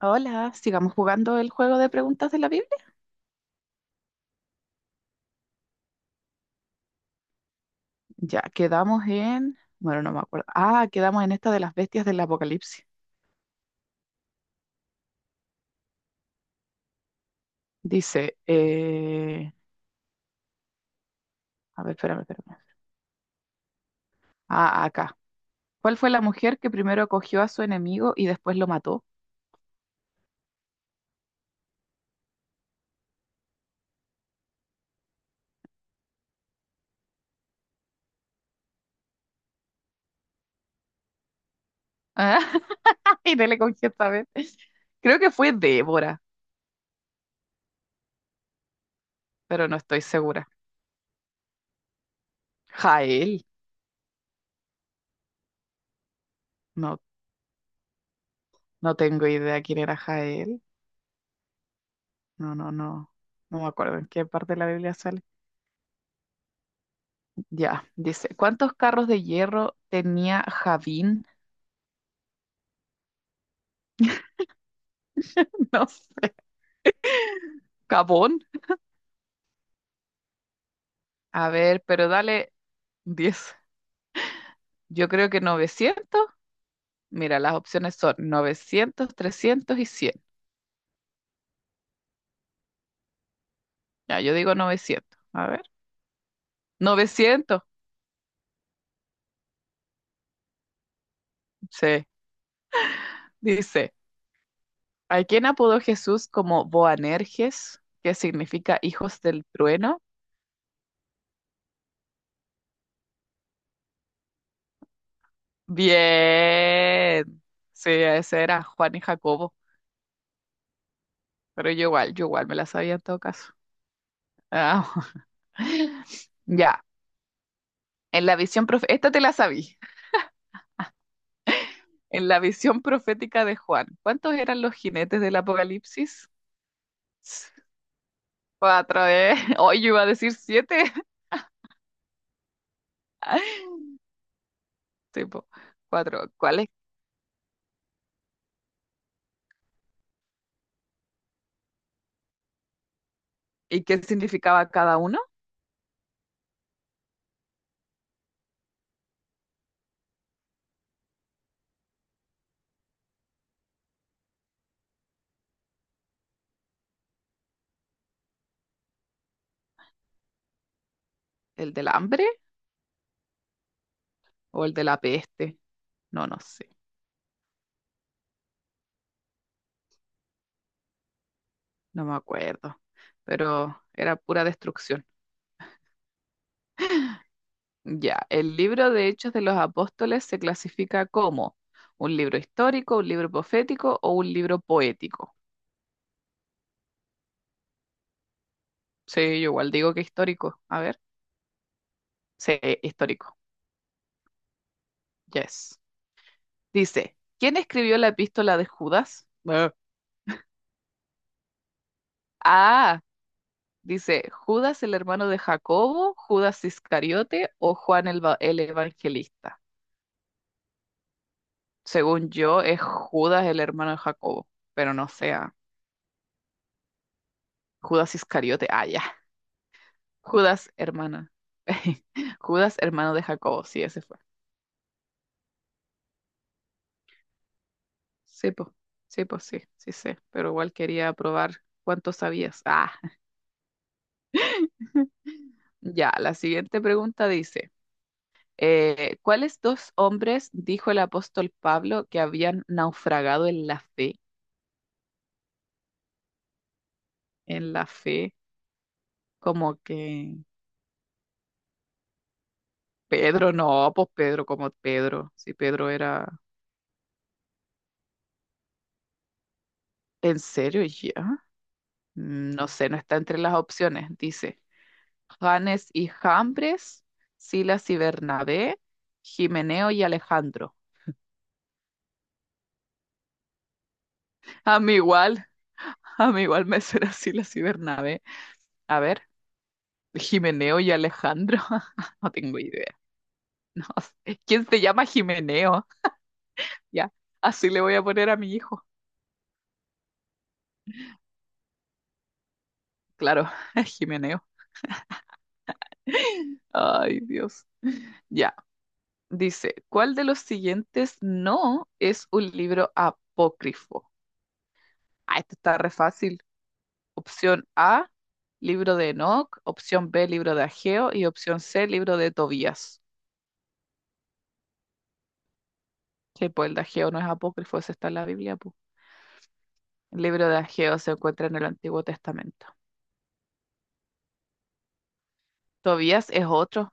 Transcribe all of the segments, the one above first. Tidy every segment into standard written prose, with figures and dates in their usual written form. Hola, sigamos jugando el juego de preguntas de la Biblia. Ya, quedamos en... Bueno, no me acuerdo. Ah, quedamos en esta de las bestias del Apocalipsis. Dice, a ver, espérame. Ah, acá. ¿Cuál fue la mujer que primero acogió a su enemigo y después lo mató? Ah, y no le cogió esta vez. Creo que fue Débora, pero no estoy segura. Jael. No, no tengo idea quién era Jael. No. No me acuerdo en qué parte de la Biblia sale. Ya, dice, ¿cuántos carros de hierro tenía Javín? No sé, Cabón. A ver, pero dale 10. Yo creo que 900. Mira, las opciones son 900, 300 y 100. Ya, yo digo 900. A ver, 900. Sí, dice, ¿a quién apodó Jesús como Boanerges, que significa hijos del trueno? Bien. Sí, ese era Juan y Jacobo. Pero yo igual me la sabía en todo caso. Ah, ya, en la esta te la sabí. En la visión profética de Juan, ¿cuántos eran los jinetes del Apocalipsis? Cuatro, ¿eh? Hoy yo iba a decir siete. Tipo, cuatro. ¿Cuáles? ¿Y qué significaba cada uno? ¿El del hambre o el de la peste? No, no sé, no me acuerdo. Pero era pura destrucción. Ya, el libro de Hechos de los Apóstoles se clasifica como un libro histórico, un libro profético o un libro poético. Sí, yo igual digo que histórico. A ver. Sí, histórico. Yes. Dice, ¿quién escribió la epístola de Judas? Ah, ah, dice, ¿Judas el hermano de Jacobo, Judas Iscariote o Juan el evangelista? Según yo, es Judas el hermano de Jacobo, pero no sea Judas Iscariote. Ah, ya. Judas hermana. Judas hermano de Jacobo, sí, ese fue. Sí, pues, sí, pues sí, sí sé, pero igual quería probar cuánto sabías. Ah. Ya, la siguiente pregunta dice, ¿cuáles dos hombres dijo el apóstol Pablo que habían naufragado en la fe? En la fe, como que Pedro, no, pues Pedro, como Pedro, si Pedro era, ¿en serio ya? Mm, no sé, no está entre las opciones. Dice, Janes y Jambres, Silas y Bernabé, Jimeneo y Alejandro. A mí igual, a mí igual me será Silas y Bernabé. A ver. Jimeneo y Alejandro. No tengo idea. No sé. ¿Quién se llama Jimeneo? Ya, así le voy a poner a mi hijo. Claro, Jimeneo. Ay, Dios. Ya, dice, ¿cuál de los siguientes no es un libro apócrifo? Ah, esto está re fácil. Opción A, libro de Enoc. Opción B, libro de Ageo. Y opción C, libro de Tobías. Que pues el de Ageo no es apócrifo, ese está en la Biblia, pu. El libro de Ageo se encuentra en el Antiguo Testamento. Tobías es otro.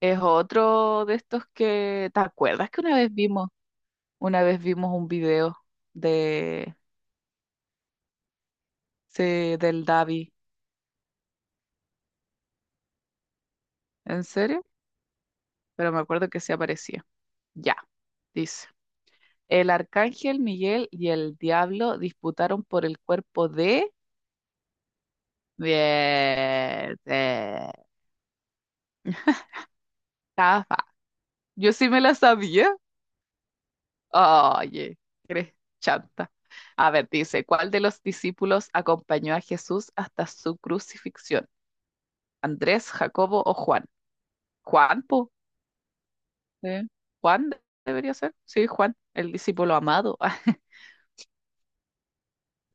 Es otro de estos que, ¿te acuerdas que una vez vimos? Una vez vimos un video de, sí, del Davi. ¿En serio? Pero me acuerdo que sí aparecía. Ya, dice. El arcángel Miguel y el diablo disputaron por el cuerpo de... Bien, de... Cafa. Yo sí me la sabía. Oye, eres chanta. A ver, dice, ¿cuál de los discípulos acompañó a Jesús hasta su crucifixión? Andrés, Jacobo o Juan. Juan, po, ¿eh? Debería ser. Sí, Juan, el discípulo amado.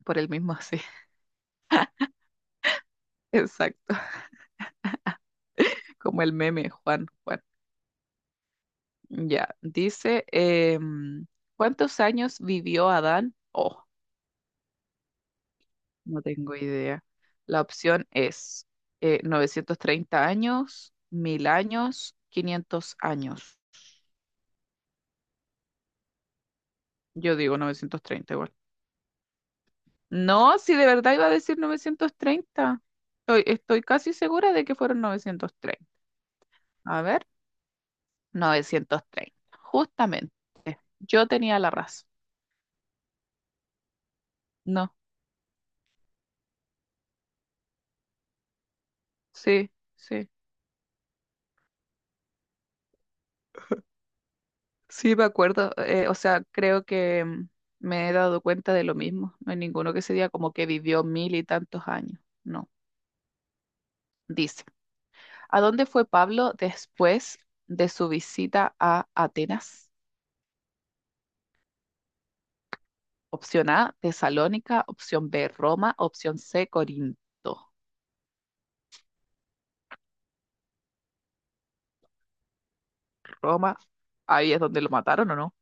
Por el mismo así. Exacto. Como el meme, Juan, Juan. Ya, dice, em, ¿cuántos años vivió Adán? Oh, no tengo idea. La opción es 930 años, 1000 años, 500 años. Yo digo 930 igual. No, si de verdad iba a decir 930. Estoy casi segura de que fueron 930. A ver, 930. Justamente, yo tenía la razón. No, sí, sí. Sí, me acuerdo. O sea, creo que me he dado cuenta de lo mismo. No hay ninguno que se diga como que vivió mil y tantos años. No. Dice, ¿a dónde fue Pablo después de su visita a Atenas? Opción A, Tesalónica. Opción B, Roma. Opción C, Corinto. Roma, ahí es donde lo mataron o no.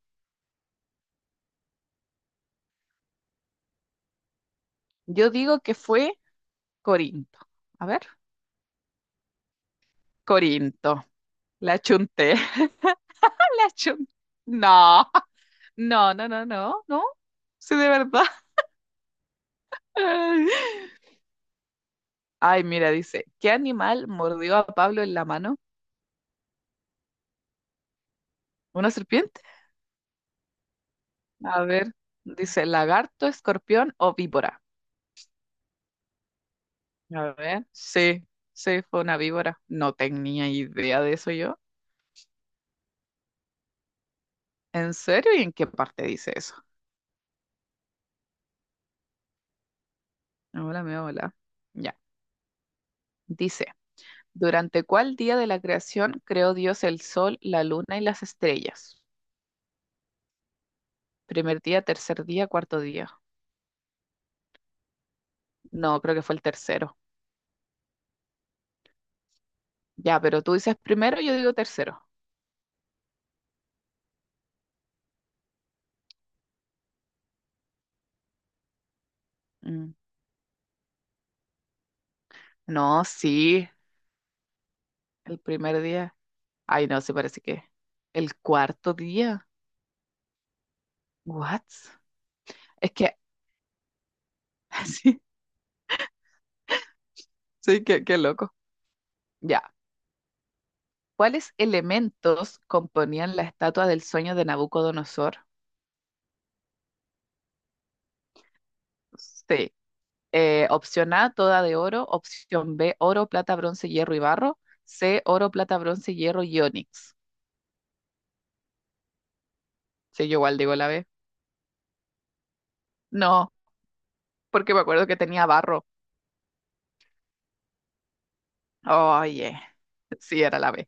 Yo digo que fue Corinto. A ver, Corinto. La chunté. La chun- No, no. Sí, de verdad. Ay, mira, dice, ¿qué animal mordió a Pablo en la mano? ¿Una serpiente? A ver, dice, ¿lagarto, escorpión o víbora? A ver, sí, fue una víbora. No tenía idea de eso yo. ¿En serio? ¿Y en qué parte dice eso? Hola, me hola. Ya. Dice. ¿Durante cuál día de la creación creó Dios el sol, la luna y las estrellas? Primer día, tercer día, cuarto día. No, creo que fue el tercero. Ya, pero tú dices primero, yo digo tercero. Mm, no, sí, el primer día. Ay, no, se parece que el cuarto día. What? Es que, sí, sí, qué, qué loco. Ya. ¿Cuáles elementos componían la estatua del sueño de Nabucodonosor? Sí. Opción A, toda de oro. Opción B, oro, plata, bronce, hierro y barro. C, oro, plata, bronce, hierro y onix. Sí, yo igual digo la B. No, porque me acuerdo que tenía barro. Oye, sí, era la B.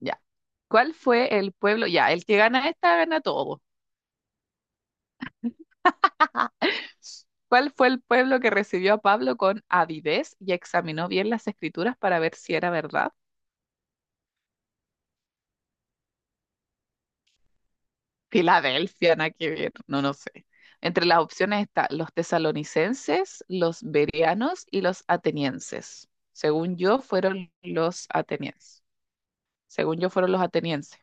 Ya. ¿Cuál fue el pueblo? Ya, el que gana esta gana todo. ¿Cuál fue el pueblo que recibió a Pablo con avidez y examinó bien las escrituras para ver si era verdad? Filadelfia, nada que ver, no, no sé. Entre las opciones está los tesalonicenses, los bereanos y los atenienses. Según yo, fueron los atenienses. Según yo, fueron los atenienses.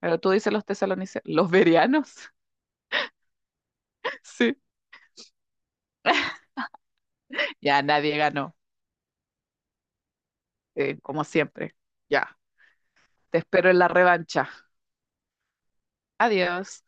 Pero tú dices los tesalonicenses, los bereanos. Sí, ya nadie ganó, como siempre. Ya, te espero en la revancha. Adiós.